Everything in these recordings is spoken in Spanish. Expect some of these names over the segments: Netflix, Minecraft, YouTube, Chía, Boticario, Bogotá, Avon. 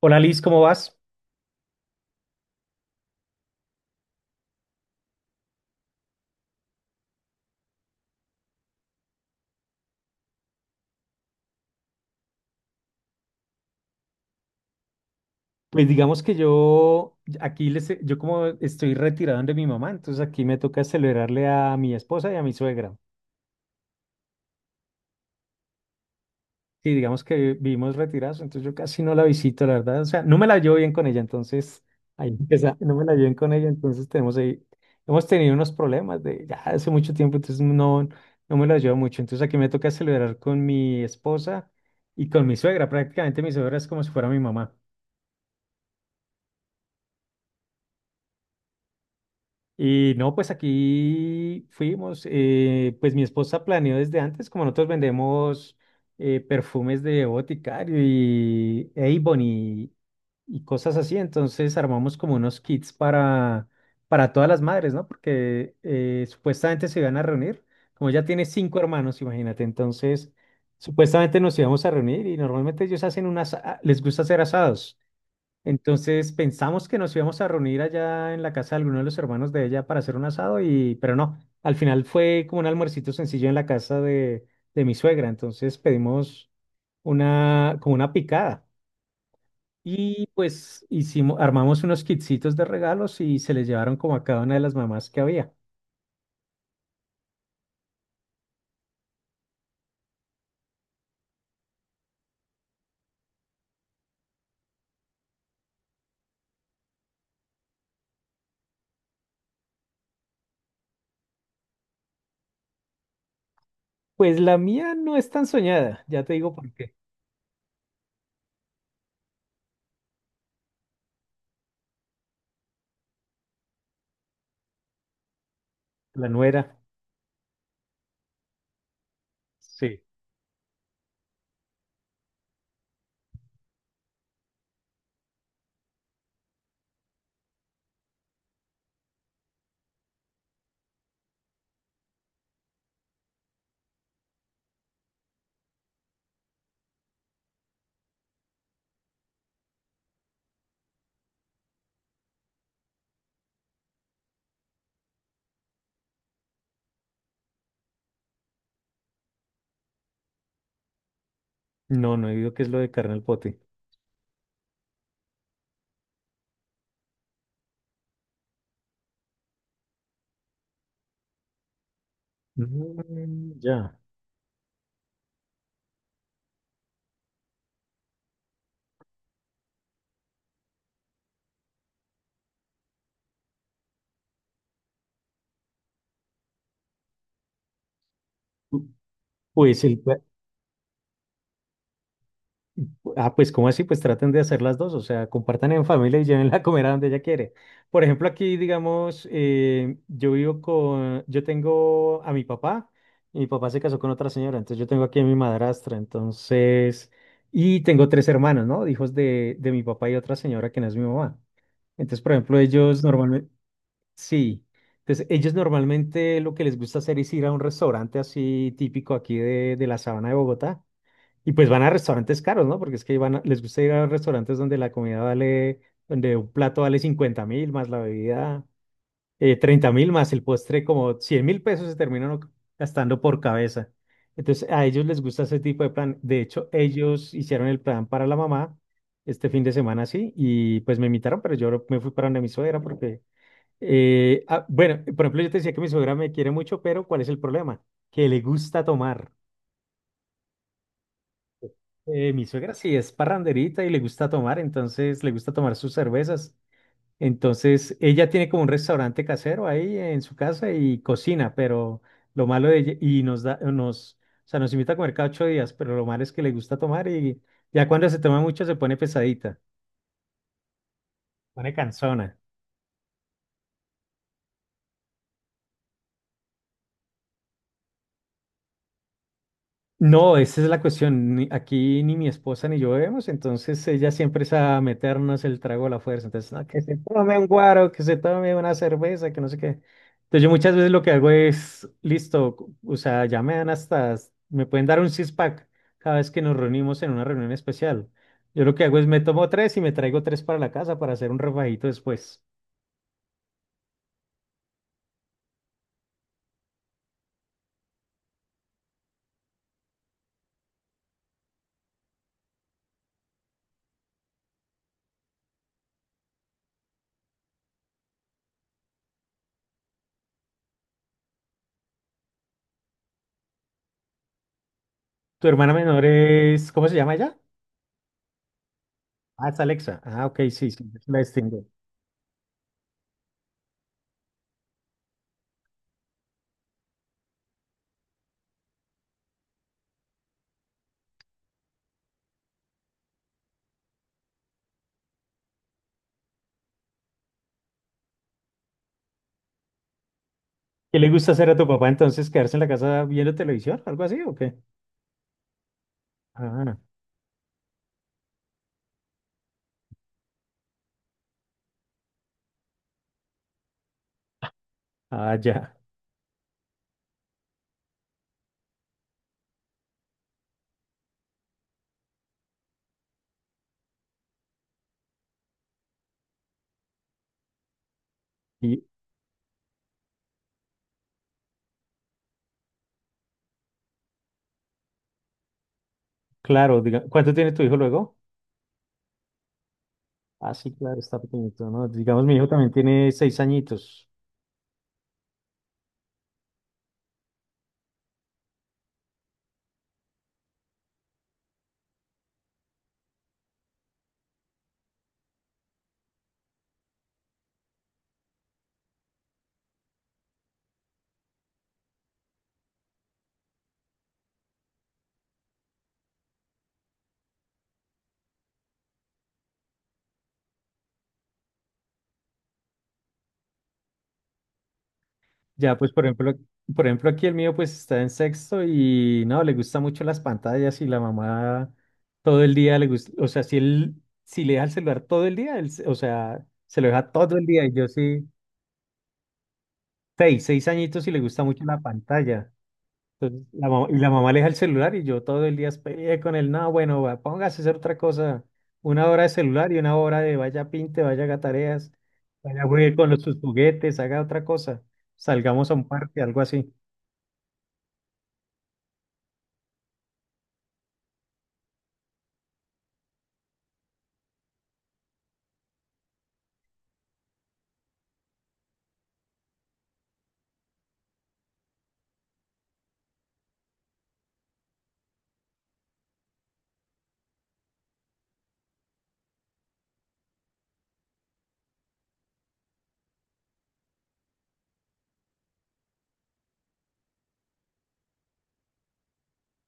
Hola Liz, ¿cómo vas? Pues digamos que yo como estoy retirado de mi mamá, entonces aquí me toca celebrarle a mi esposa y a mi suegra. Sí, digamos que vivimos retirados, entonces yo casi no la visito, la verdad. O sea, no me la llevo bien con ella, entonces ahí empieza, no me la llevo bien con ella, entonces tenemos ahí, hemos tenido unos problemas de ya hace mucho tiempo, entonces no, no me la llevo mucho. Entonces aquí me toca celebrar con mi esposa y con mi suegra. Prácticamente mi suegra es como si fuera mi mamá. Y no, pues aquí fuimos, pues mi esposa planeó desde antes, como nosotros vendemos perfumes de Boticario y Avon y cosas así, entonces armamos como unos kits para todas las madres, ¿no? Porque supuestamente se iban a reunir, como ella tiene cinco hermanos, imagínate, entonces supuestamente nos íbamos a reunir y normalmente les gusta hacer asados. Entonces pensamos que nos íbamos a reunir allá en la casa de alguno de los hermanos de ella para hacer un asado y, pero no, al final fue como un almuercito sencillo en la casa de mi suegra. Entonces pedimos como una picada y pues armamos unos kitsitos de regalos y se les llevaron como a cada una de las mamás que había. Pues la mía no es tan soñada, ya te digo por qué. La nuera. Sí. No, no he oído qué es lo de carne al pote. Mm, ya. Pues el, Ah, pues ¿cómo así? Pues traten de hacer las dos, o sea, compartan en familia y llévenla a comer a donde ella quiere. Por ejemplo, aquí, digamos, yo tengo a mi papá, y mi papá se casó con otra señora, entonces yo tengo aquí a mi madrastra, entonces, y tengo tres hermanos, ¿no? Hijos de mi papá y otra señora que no es mi mamá. Entonces, por ejemplo, sí, entonces ellos normalmente lo que les gusta hacer es ir a un restaurante así típico aquí de la sabana de Bogotá y pues van a restaurantes caros, ¿no? Porque es que les gusta ir a restaurantes donde la comida vale, donde un plato vale 50 mil, más la bebida 30 mil, más el postre como 100 mil pesos se terminan gastando por cabeza. Entonces a ellos les gusta ese tipo de plan. De hecho, ellos hicieron el plan para la mamá este fin de semana, sí, y pues me invitaron, pero yo me fui para donde mi suegra porque, ah, bueno, por ejemplo, yo te decía que mi suegra me quiere mucho, pero ¿cuál es el problema? Que le gusta tomar. Mi suegra sí es parranderita y le gusta tomar, entonces le gusta tomar sus cervezas. Entonces ella tiene como un restaurante casero ahí en su casa y cocina, pero lo malo de ella, y o sea, nos invita a comer cada 8 días, pero lo malo es que le gusta tomar y ya cuando se toma mucho se pone pesadita, pone cansona. No, esa es la cuestión. Aquí ni mi esposa ni yo vemos, entonces ella siempre es a meternos el trago a la fuerza. Entonces, "No, que se tome un guaro, que se tome una cerveza, que no sé qué. Entonces, yo muchas veces lo que hago es, listo, o sea, me pueden dar un six-pack cada vez que nos reunimos en una reunión especial. Yo lo que hago es me tomo tres y me traigo tres para la casa para hacer un refajito después. Tu hermana menor es, ¿cómo se llama ella? Ah, es Alexa. Ah, ok, sí, sí, es la distingo. ¿Qué le gusta hacer a tu papá entonces? ¿Quedarse en la casa viendo televisión? ¿Algo así o qué? Ah, ya. Y claro, diga, ¿cuánto tiene tu hijo luego? Ah, sí, claro, está pequeñito, ¿no? Digamos, mi hijo también tiene 6 añitos. Ya, pues, por ejemplo, aquí el mío pues está en sexto y no, le gusta mucho las pantallas y la mamá todo el día le gusta, o sea, si le deja el celular todo el día, o sea, se lo deja todo el día y yo sí, seis añitos y le gusta mucho la pantalla. Entonces, y la mamá le aleja el celular y yo todo el día peleé con él. No, bueno, va, póngase a hacer otra cosa. Una hora de celular y una hora de vaya pinte, vaya haga tareas, vaya juegue con sus juguetes, haga otra cosa. Salgamos a un parque, algo así.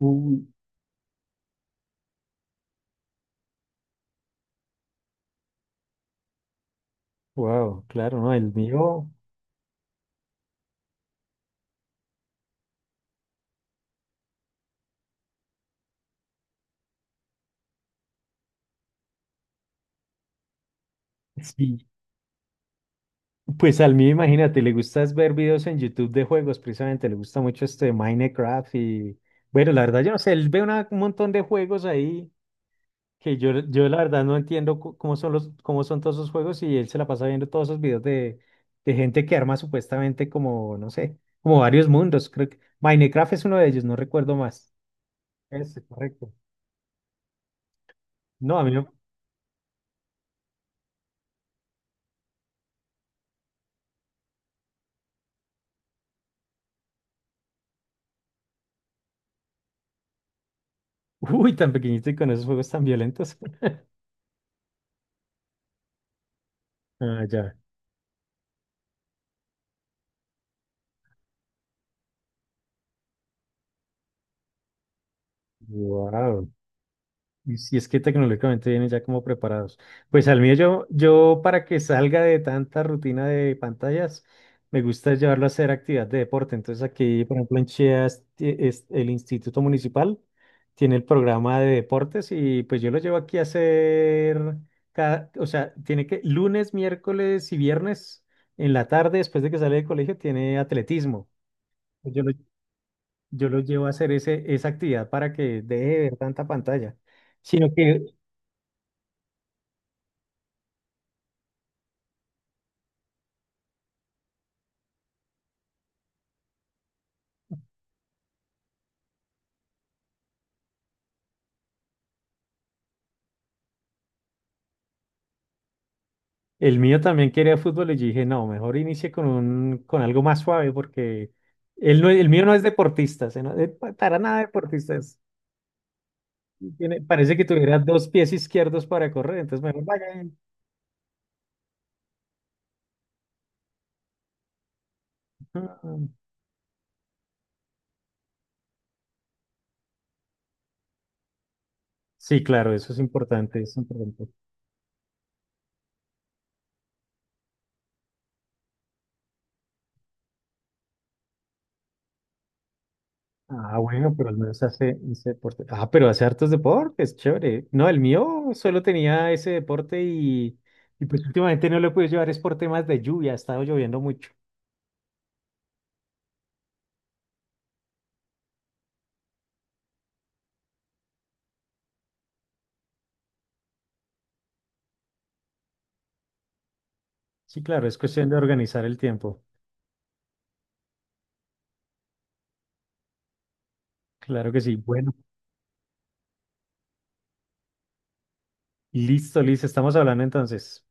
Uy, wow, claro, ¿no? El mío, sí. Pues al mío, imagínate, le gusta es ver videos en YouTube de juegos, precisamente, le gusta mucho este Minecraft y, bueno, la verdad, yo no sé, él ve un montón de juegos ahí que yo la verdad no entiendo cómo son cómo son todos esos juegos y él se la pasa viendo todos esos videos de gente que arma supuestamente como, no sé, como varios mundos. Creo que Minecraft es uno de ellos, no recuerdo más. Ese, correcto. No, a mí no. Uy, tan pequeñito y con esos juegos tan violentos. Ah, ya. Wow. Y si es que tecnológicamente vienen ya como preparados. Pues al mío yo para que salga de tanta rutina de pantallas, me gusta llevarlo a hacer actividad de deporte. Entonces aquí, por ejemplo, en Chía es el Instituto Municipal tiene el programa de deportes y pues yo lo llevo aquí a hacer o sea, tiene que lunes, miércoles y viernes en la tarde, después de que sale del colegio, tiene atletismo. Pues yo lo llevo a hacer esa actividad para que deje de ver tanta pantalla sino que El mío también quería fútbol y yo dije, no, mejor inicie con algo más suave porque él no, el mío no es deportista, se no- para nada deportista. Parece que tuviera dos pies izquierdos para correr, entonces mejor vaya. Ujú. Sí, claro, eso es importante, es importante. Ah, bueno, pero al menos hace ese deporte. Ah, pero hace hartos deportes, chévere. No, el mío solo tenía ese deporte y pues últimamente no lo he podido llevar, es por temas de lluvia, ha estado lloviendo mucho. Sí, claro, es cuestión de organizar el tiempo. Claro que sí. Bueno, listo, Liz, estamos hablando entonces.